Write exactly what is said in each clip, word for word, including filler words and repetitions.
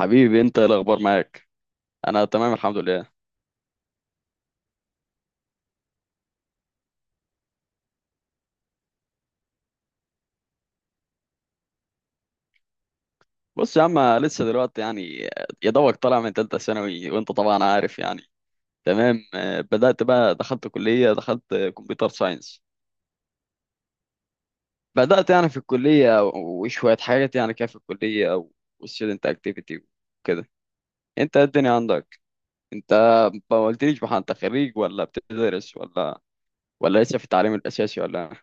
حبيبي، انت ايه الاخبار معاك؟ انا تمام الحمد لله. بص يا عم، لسه دلوقتي يعني يا دوبك طالع من تالتة ثانوي، وانت طبعا عارف يعني. تمام. آه، بدأت بقى، دخلت كلية دخلت كمبيوتر ساينس. بدأت يعني في الكلية، وشوية حاجات يعني كده في الكلية، والستودنت اكتيفيتي وكده. انت إيه الدنيا عندك؟ انت ما قلتليش بقى، انت خريج ولا بتدرس ولا ولا لسه في التعليم الاساسي ولا؟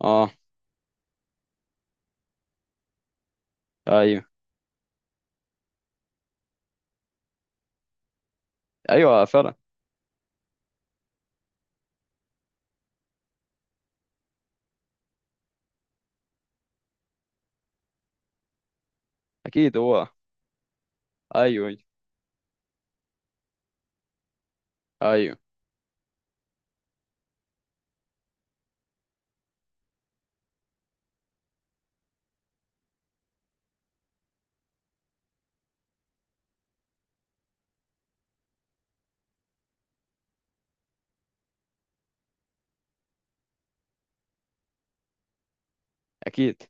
اه. ايوه. ايوه فعلا. اكيد، هو ايوه. ايوه اكيد.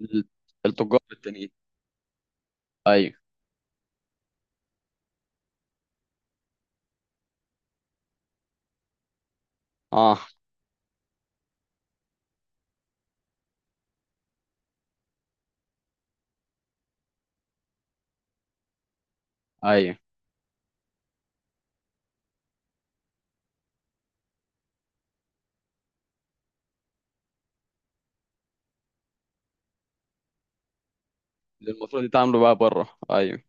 ال- التجار التانيين. ايوه. اه. ايوه، اللي المفروض يتعاملوا بقى بره. ايوه.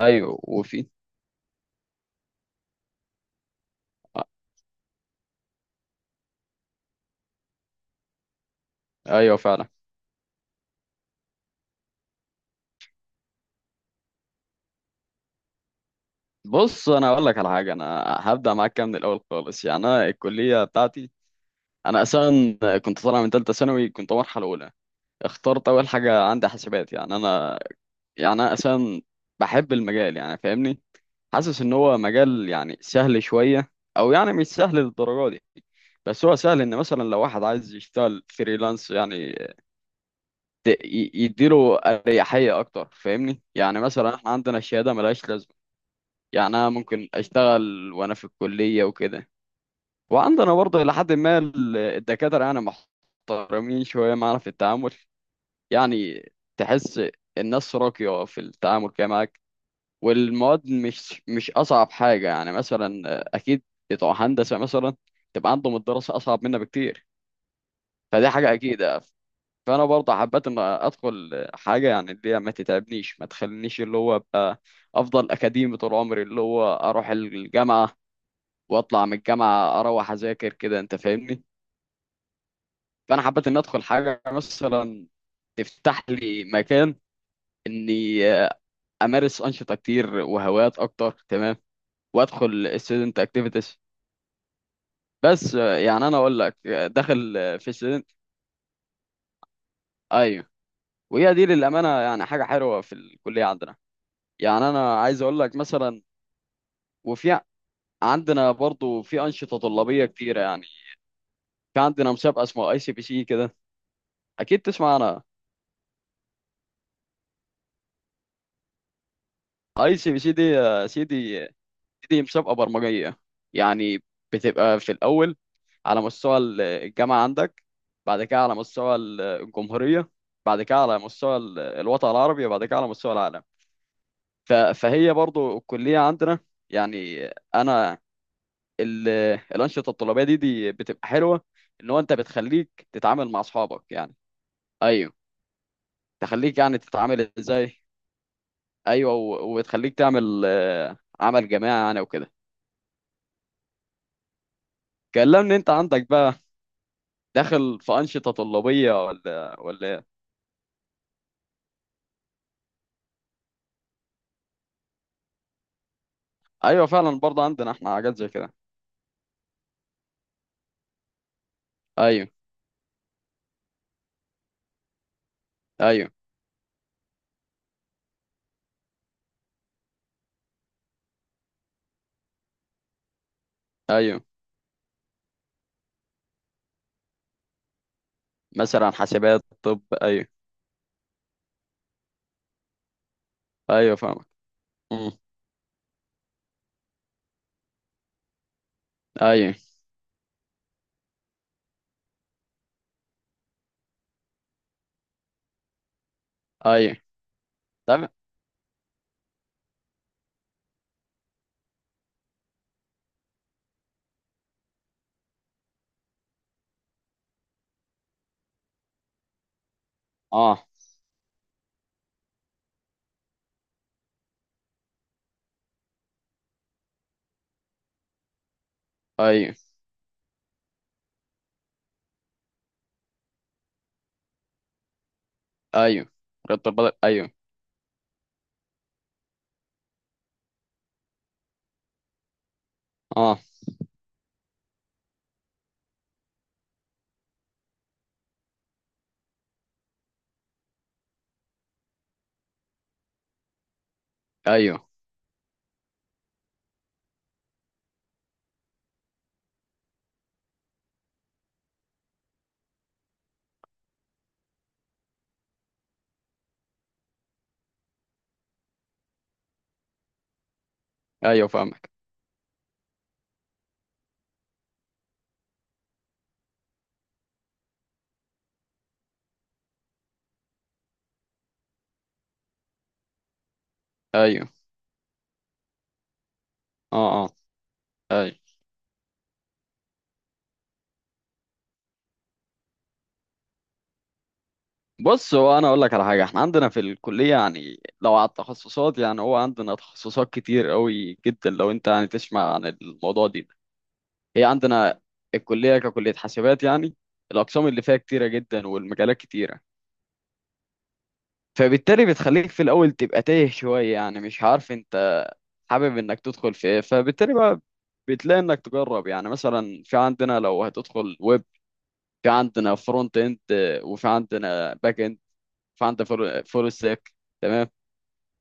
ايوه وفي. ايوه فعلا. بص، انا اقول لك على حاجه. انا هبدا معاك كده من الاول خالص. يعني انا الكليه بتاعتي، انا اصلا كنت طالع من ثالثه ثانوي، كنت مرحله اولى. اخترت اول حاجه عندي حاسبات. يعني انا يعني انا اصلا بحب المجال، يعني فاهمني. حاسس ان هو مجال يعني سهل شويه، او يعني مش سهل للدرجه دي. بس هو سهل ان مثلا لو واحد عايز يشتغل فريلانس يعني ت- ي- يديله اريحيه اكتر، فاهمني. يعني مثلا احنا عندنا الشهاده ملهاش لازمه. يعني انا ممكن اشتغل وانا في الكليه وكده. وعندنا برضه لحد ما ال- الدكاتره يعني محترمين شويه معانا في التعامل. يعني تحس الناس راقيه في التعامل كده معاك. والمواد مش مش اصعب حاجه. يعني مثلا اكيد بتوع هندسه مثلا تبقى عندهم الدراسه اصعب منا بكتير، فدي حاجه اكيد. فانا برضه حبيت ان ادخل حاجه يعني اللي هي ما تتعبنيش، ما تخلينيش اللي هو ابقى افضل اكاديمي طول عمري، اللي هو اروح الجامعه واطلع من الجامعه اروح اذاكر كده، انت فاهمني. فانا حبيت ان ادخل حاجه مثلا تفتح لي مكان اني امارس انشطه كتير وهوايات اكتر. تمام. وادخل student activities. بس يعني انا اقول لك داخل في student. ايوه. وهي دي للامانه يعني حاجه حلوه في الكليه عندنا. يعني انا عايز اقول لك مثلا، وفي عندنا برضو في أنشطة طلابية كتيرة يعني. في عندنا مسابقة اسمها اي سي بي سي كده، أكيد تسمع عنها. اي سي بي سي دي يا سيدي، دي مسابقة برمجية يعني. بتبقى في الأول على مستوى ال- الجامعة عندك، بعد كده على مستوى ال- الجمهورية، بعد كده على مستوى ال- الوطن العربي، وبعد كده على مستوى العالم. ف- فهي برضو الكلية عندنا. يعني أنا ال- الأنشطة الطلابية دي دي بتبقى حلوة. إن هو أنت بتخليك تتعامل مع أصحابك يعني. أيوه. تخليك يعني تتعامل ازاي. ايوه. و- وتخليك تعمل آه، عمل جماعي يعني وكده. كلمني انت عندك بقى، داخل في انشطه طلابيه ولا ولا ايه؟ ايوه فعلا برضه عندنا احنا حاجات زي كده. ايوه. ايوه. ايوه مثلا حاسبات. طب ايوه. ايوه فاهمك. امم. ايوه. ايوه تمام. اه. ايوه. ايوه رياضة البدن ايوه. اه. ايوه. ايوه فاهمك. ايوه. اه اه. ايوه. بص، هو انا اقول لك على حاجه، احنا عندنا في الكليه يعني، لو على التخصصات يعني، هو عندنا تخصصات كتير قوي جدا، لو انت يعني تسمع عن الموضوع دي. هي عندنا الكليه ككليه حاسبات يعني، الاقسام اللي فيها كتيره جدا، والمجالات كتيره. فبالتالي بتخليك في الاول تبقى تايه شويه، يعني مش عارف انت حابب انك تدخل في ايه. فبالتالي بقى بتلاقي انك تجرب. يعني مثلا في عندنا، لو هتدخل ويب، في عندنا فرونت اند، وفي عندنا باك اند، في عندنا فول ستاك. تمام.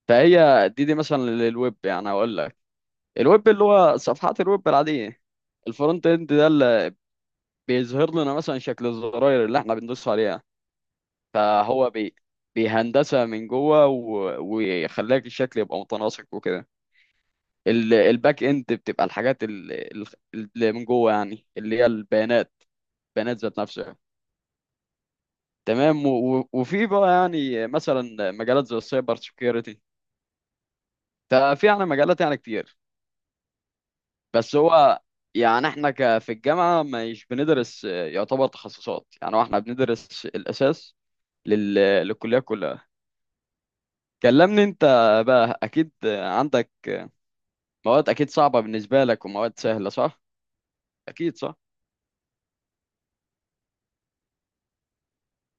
فهي دي دي مثلا للويب يعني. اقول لك، الويب اللي هو صفحات الويب العاديه، الفرونت اند ده اللي بيظهر لنا مثلا شكل الزراير اللي احنا بندوس عليها. فهو بي بيهندسها من جوه، و... ويخليك الشكل يبقى متناسق وكده. ال... الباك اند بتبقى الحاجات ال- ال- اللي من جوه، يعني اللي هي البيانات، البيانات ذات نفسها. تمام. و... و- وفي بقى يعني مثلا مجالات زي السايبر سكيورتي. ففي يعني مجالات يعني كتير. بس هو يعني احنا ك في الجامعة مش بندرس آه، يعتبر تخصصات. يعني هو احنا بندرس الأساس لل... للكلية كلها. كلمني انت بقى، اكيد عندك مواد اكيد صعبة بالنسبة لك ومواد سهلة، صح؟ اكيد صح؟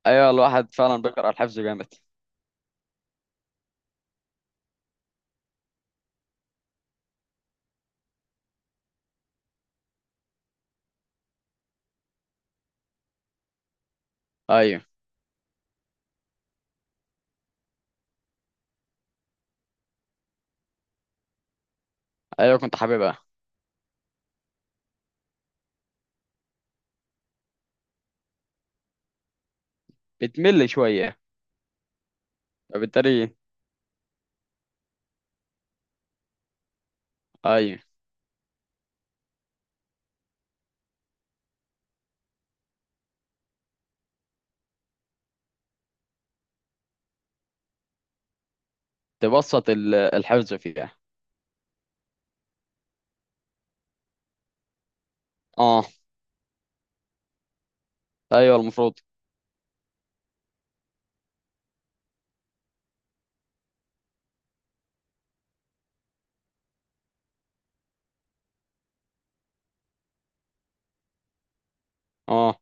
ايوه الواحد فعلا بيقرأ الحفظ جامد. ايوه. ايوه كنت حاببها. بتمل شوية. فبالتالي ايوه، تبسط ال- الحفظ فيها. اه. ايوه المفروض. اه.